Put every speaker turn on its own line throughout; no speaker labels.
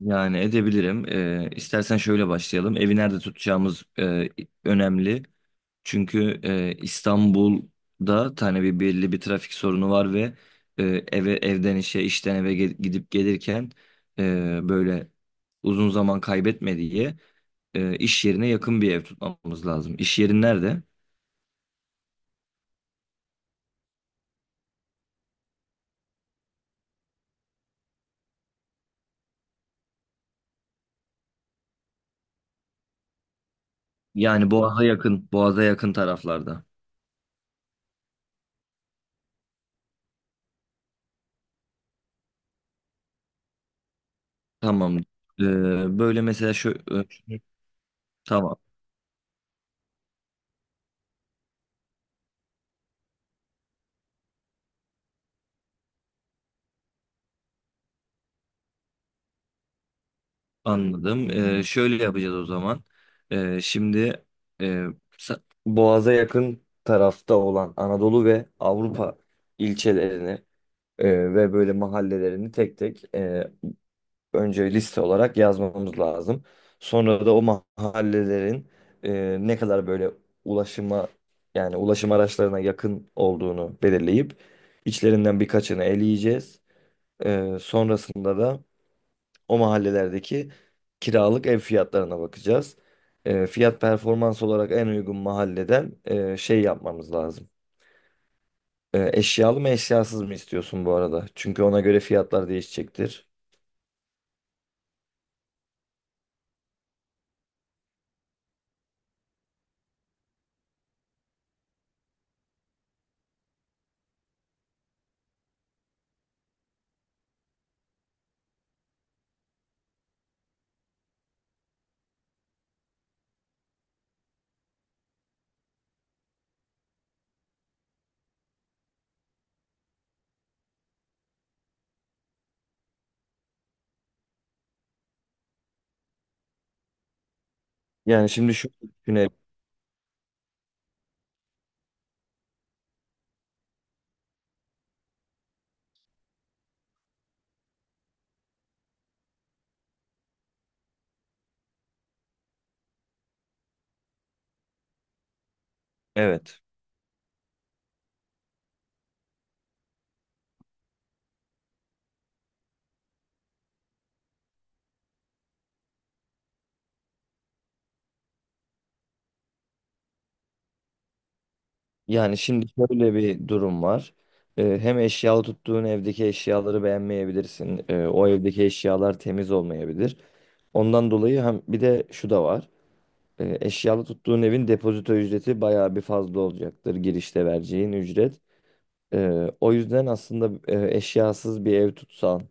Yani edebilirim. İstersen şöyle başlayalım. Evi nerede tutacağımız önemli. Çünkü İstanbul'da tane bir belli bir trafik sorunu var ve e, eve evden işe işten eve gidip gelirken böyle uzun zaman kaybetme diye iş yerine yakın bir ev tutmamız lazım. İş yerin nerede? Yani Boğaz'a yakın, Boğaz'a yakın taraflarda. Tamam. Böyle mesela tamam. Anladım. Şöyle yapacağız o zaman. Şimdi e, Boğaz'a yakın tarafta olan Anadolu ve Avrupa ilçelerini ve böyle mahallelerini tek tek, önce liste olarak yazmamız lazım. Sonra da o mahallelerin ne kadar böyle ulaşıma, yani ulaşım araçlarına yakın olduğunu belirleyip içlerinden birkaçını eleyeceğiz. Sonrasında da o mahallelerdeki kiralık ev fiyatlarına bakacağız. Fiyat performans olarak en uygun mahalleden şey yapmamız lazım. Eşyalı mı eşyasız mı istiyorsun bu arada? Çünkü ona göre fiyatlar değişecektir. Yani şimdi şu güne evet. Yani şimdi şöyle bir durum var. Hem eşyalı tuttuğun evdeki eşyaları beğenmeyebilirsin. O evdeki eşyalar temiz olmayabilir. Ondan dolayı hem bir de şu da var. Eşyalı tuttuğun evin depozito ücreti bayağı bir fazla olacaktır, girişte vereceğin ücret. O yüzden aslında eşyasız bir ev tutsan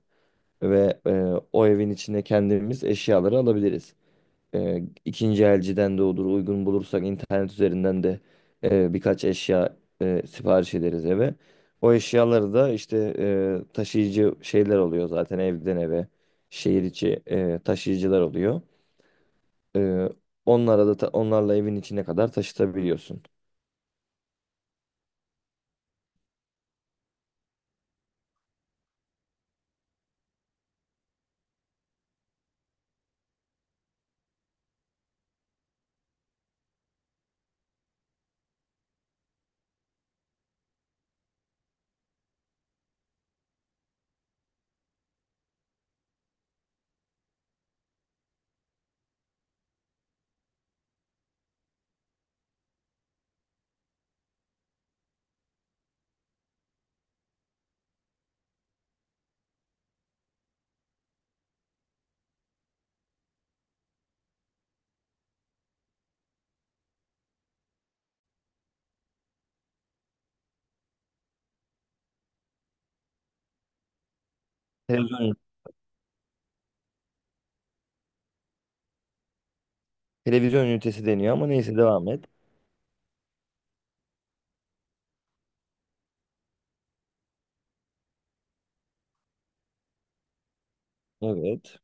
ve o evin içine kendimiz eşyaları alabiliriz. İkinci elciden de olur uygun bulursak, internet üzerinden de birkaç eşya sipariş ederiz eve. O eşyaları da işte taşıyıcı şeyler oluyor zaten, evden eve şehir içi taşıyıcılar oluyor. Ee, onlara da onlarla evin içine kadar taşıtabiliyorsun. Televizyon, televizyon ünitesi deniyor, ama neyse, devam et. Evet.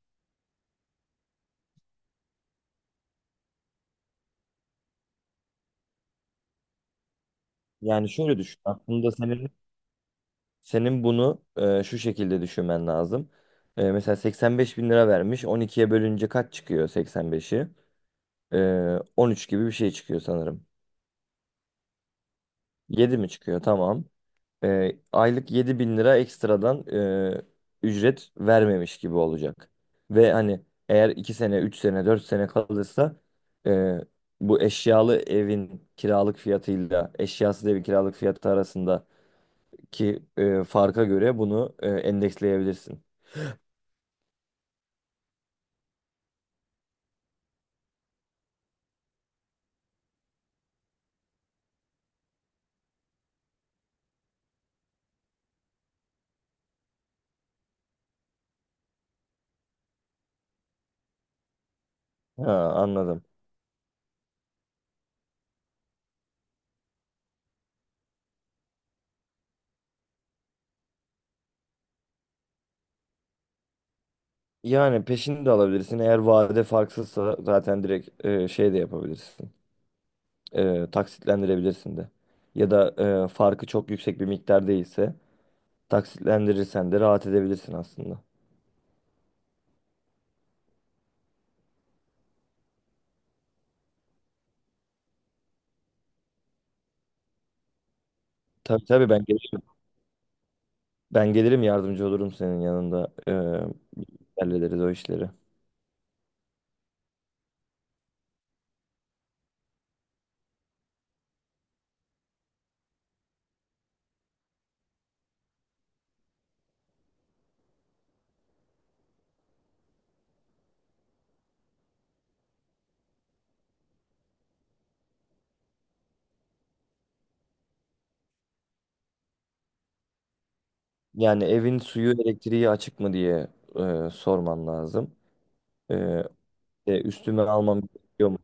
Yani şöyle düşün. Aslında senin senin bunu şu şekilde düşünmen lazım. Mesela 85 bin lira vermiş. 12'ye bölünce kaç çıkıyor 85'i? E, 13 gibi bir şey çıkıyor sanırım. 7 mi çıkıyor? Tamam. Aylık 7 bin lira ekstradan e, ücret vermemiş gibi olacak. Ve hani, eğer 2 sene, 3 sene, 4 sene kalırsa e, bu eşyalı evin kiralık fiyatıyla eşyasız evin kiralık fiyatı arasındaki farka göre bunu endeksleyebilirsin. Ha, anladım. Yani peşini de alabilirsin. Eğer vade farksızsa zaten direkt şey de yapabilirsin. Taksitlendirebilirsin de. Ya da farkı çok yüksek bir miktar değilse taksitlendirirsen de rahat edebilirsin aslında. Tabii tabii, ben gelirim. Ben gelirim, yardımcı olurum senin yanında. Hallederiz o işleri. Yani evin suyu elektriği açık mı diye sorman lazım. Ee, üstüme almam gerekiyor mu?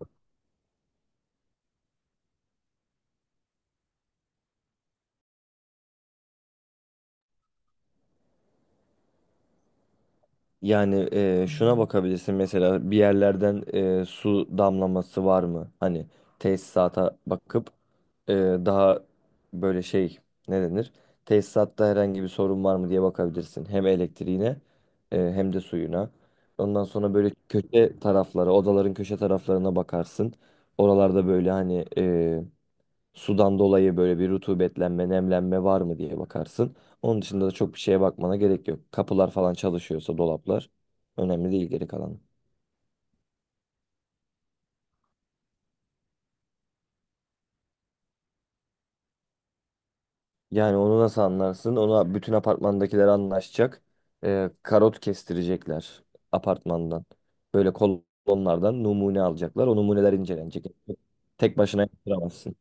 Yani şuna bakabilirsin mesela bir yerlerden, su damlaması var mı? Hani tesisata bakıp daha böyle şey ne denir? Tesisatta herhangi bir sorun var mı diye bakabilirsin. Hem elektriğine hem de suyuna. Ondan sonra böyle köşe taraflara, odaların köşe taraflarına bakarsın. Oralarda böyle, hani, sudan dolayı böyle bir rutubetlenme, nemlenme var mı diye bakarsın. Onun dışında da çok bir şeye bakmana gerek yok. Kapılar falan çalışıyorsa, dolaplar önemli değil geri kalanı. Yani onu nasıl anlarsın? Ona bütün apartmandakiler anlaşacak. Karot kestirecekler apartmandan. Böyle kolonlardan numune alacaklar. O numuneler incelenecek. Tek başına yaptıramazsın.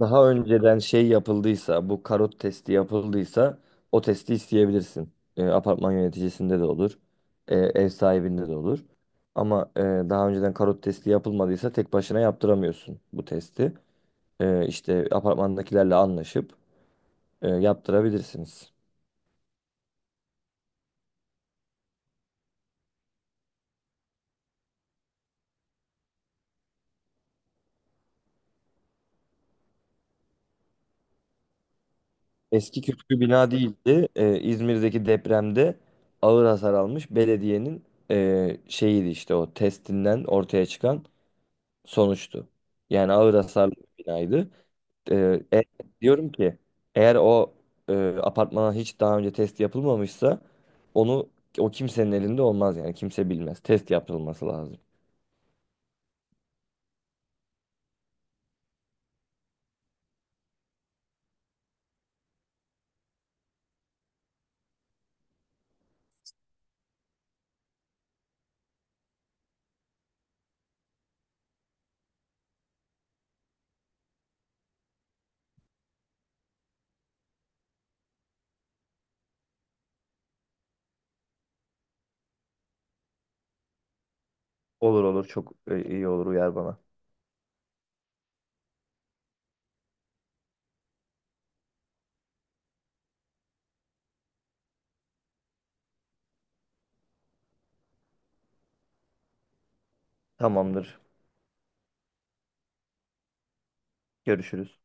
Daha önceden şey yapıldıysa, bu karot testi yapıldıysa o testi isteyebilirsin. Apartman yöneticisinde de olur, ev sahibinde de olur. Ama daha önceden karot testi yapılmadıysa tek başına yaptıramıyorsun bu testi. İşte apartmandakilerle anlaşıp yaptırabilirsiniz. Eski kötü bina değildi. İzmir'deki depremde ağır hasar almış belediyenin şeyiydi işte, o testinden ortaya çıkan sonuçtu. Yani ağır hasarlı bir binaydı. Ee, e- diyorum ki, eğer o e, apartmana hiç daha önce test yapılmamışsa onu o kimsenin elinde olmaz, yani kimse bilmez. Test yapılması lazım. Olur olur, çok iyi olur, uyar bana. Tamamdır. Görüşürüz.